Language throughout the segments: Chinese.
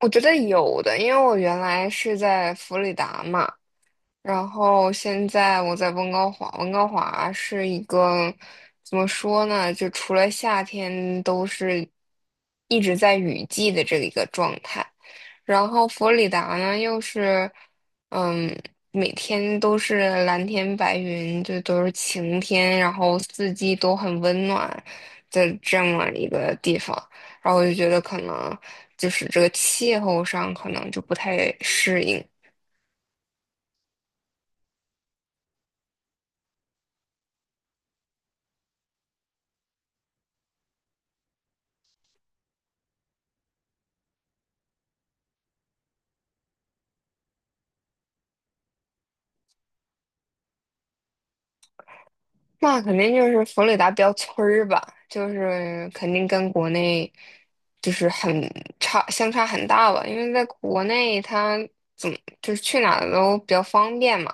我觉得有的，因为我原来是在弗里达嘛，然后现在我在温哥华。温哥华是一个怎么说呢？就除了夏天都是一直在雨季的这一个状态。然后佛罗里达呢，又是嗯，每天都是蓝天白云，就都是晴天，然后四季都很温暖的这么一个地方。然后我就觉得可能就是这个气候上可能就不太适应。那肯定就是佛罗里达标村儿吧，就是肯定跟国内就是很差，相差很大吧。因为在国内，它怎么就是去哪儿都比较方便嘛，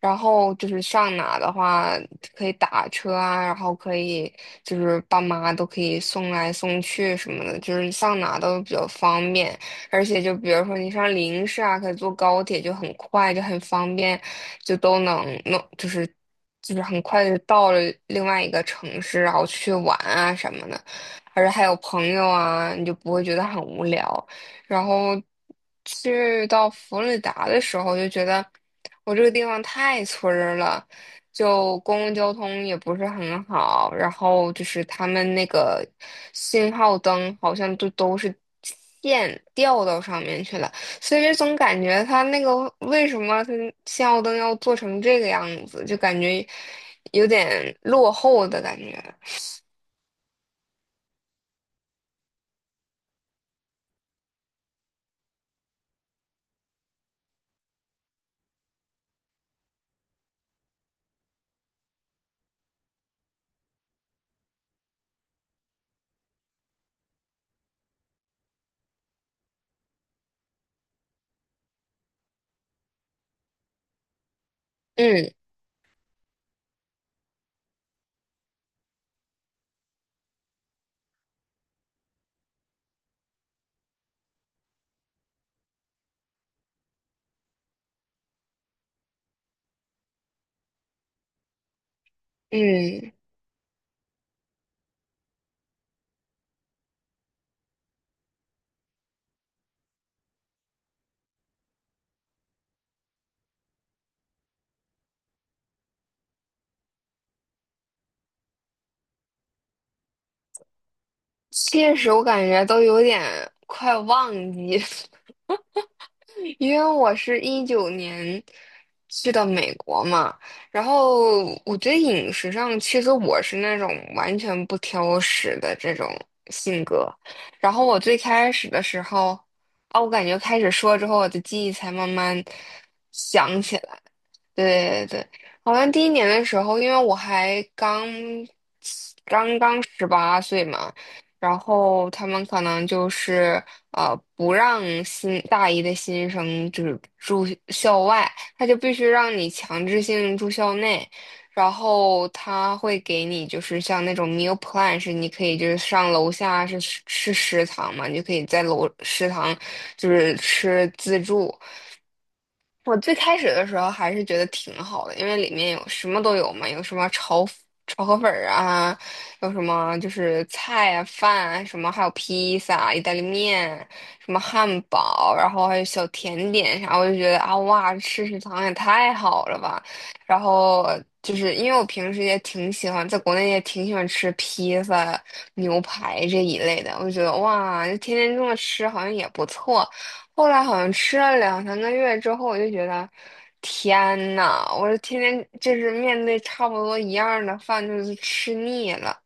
然后就是上哪的话可以打车啊，然后可以就是爸妈都可以送来送去什么的，就是上哪都比较方便。而且就比如说你上临市啊，可以坐高铁，就很快，就很方便，就都能弄，就是很快就到了另外一个城市，然后去玩啊什么的，而且还有朋友啊，你就不会觉得很无聊。然后去到佛罗里达的时候，就觉得我这个地方太村儿了。就公共交通也不是很好，然后就是他们那个信号灯好像都是线掉到上面去了，所以就总感觉他那个为什么他信号灯要做成这个样子，就感觉有点落后的感觉。嗯嗯，确实我感觉都有点快忘记。因为我是19年去的美国嘛，然后我觉得饮食上，其实我是那种完全不挑食的这种性格。然后我最开始的时候，啊，我感觉开始说之后，我的记忆才慢慢想起来。对对对，好像第1年的时候，因为我还刚刚18岁嘛，然后他们可能就是不让新大一的新生就是住校外，他就必须让你强制性住校内，然后他会给你就是像那种 meal plan，是你可以就是上楼下是吃食堂嘛，你就可以在楼食堂就是吃自助。我最开始的时候还是觉得挺好的，因为里面有什么都有嘛，有什么炒河粉儿啊，有什么就是菜啊、饭啊，什么还有披萨啊、意大利面、什么汉堡，然后还有小甜点啥，我就觉得啊哇，吃食堂也太好了吧。然后就是因为我平时也挺喜欢，在国内也挺喜欢吃披萨、牛排这一类的，我就觉得哇，就天天这么吃好像也不错。后来好像吃了两三个月之后，我就觉得，天呐，我是天天就是面对差不多一样的饭，就是吃腻了。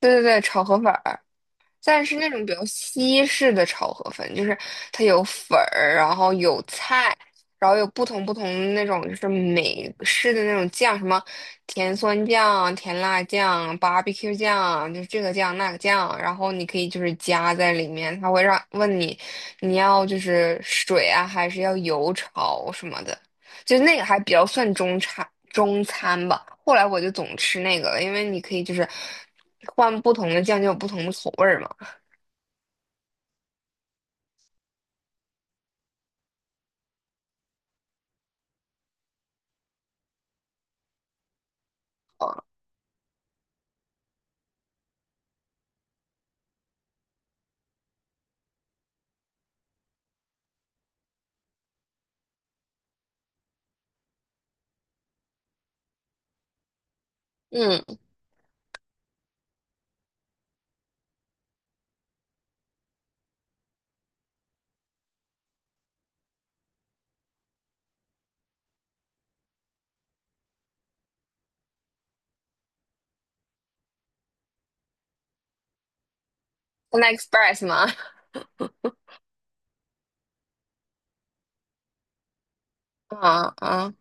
对对对，炒河粉儿。但是那种比较西式的炒河粉，就是它有粉儿，然后有菜，然后有不同的那种就是美式的那种酱，什么甜酸酱、甜辣酱、barbecue 酱，就是这个酱那个酱，然后你可以就是加在里面，它会让问你你要就是水啊，还是要油炒什么的，就那个还比较算中餐吧。后来我就总吃那个了，因为你可以就是换不同的酱就有不同的口味儿嘛。嗯，Panda Express 吗？啊啊，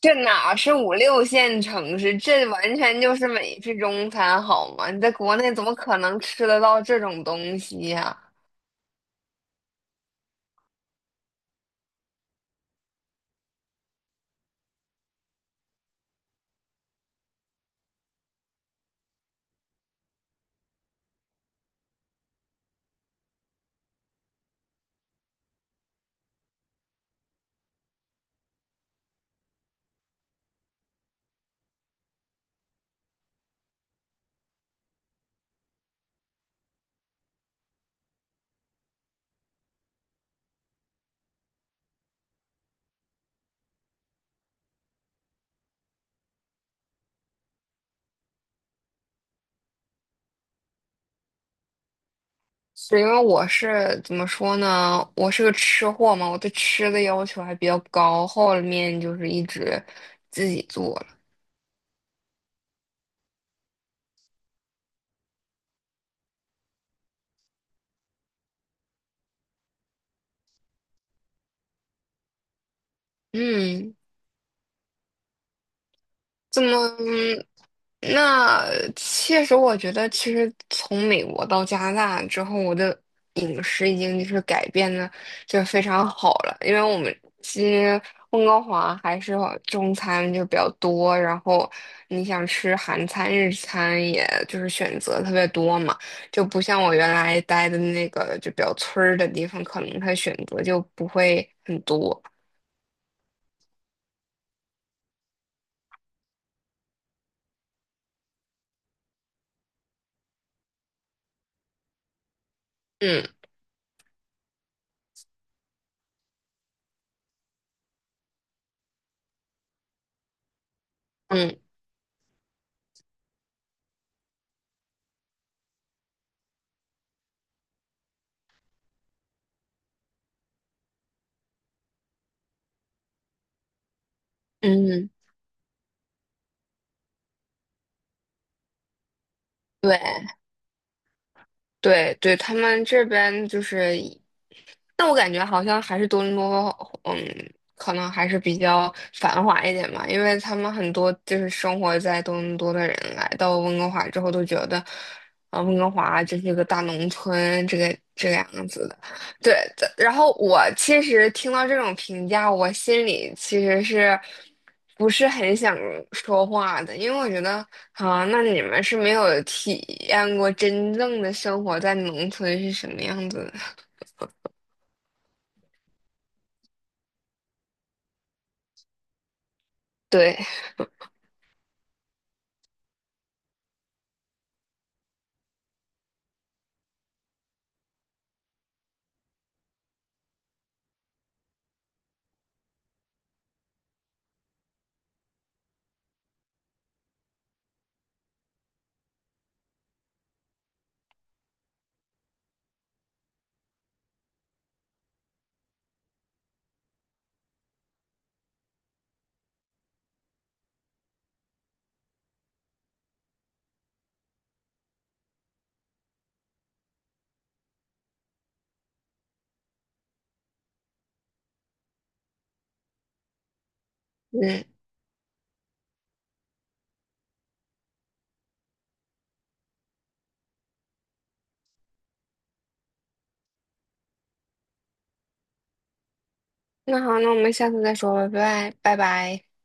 这哪是五六线城市？这完全就是美式中餐，好吗？你在国内怎么可能吃得到这种东西呀、是因为我是怎么说呢？我是个吃货嘛，我对吃的要求还比较高，后面就是一直自己做了。嗯，怎么？那确实，我觉得其实从美国到加拿大之后，我的饮食已经就是改变的，就是非常好了。因为我们其实温哥华还是中餐就比较多，然后你想吃韩餐、日餐，也就是选择特别多嘛，就不像我原来待的那个就比较村儿的地方，可能它选择就不会很多。嗯嗯嗯，对。对对，他们这边就是，但我感觉好像还是多伦多，嗯，可能还是比较繁华一点吧，因为他们很多就是生活在多伦多的人来到温哥华之后都觉得，啊、温哥华这是个大农村，这个样子的。对的，然后我其实听到这种评价，我心里其实是不是很想说话的，因为我觉得啊，那你们是没有体验过真正的生活在农村是什么样子的。对，嗯，那好，那我们下次再说吧，拜拜，拜拜。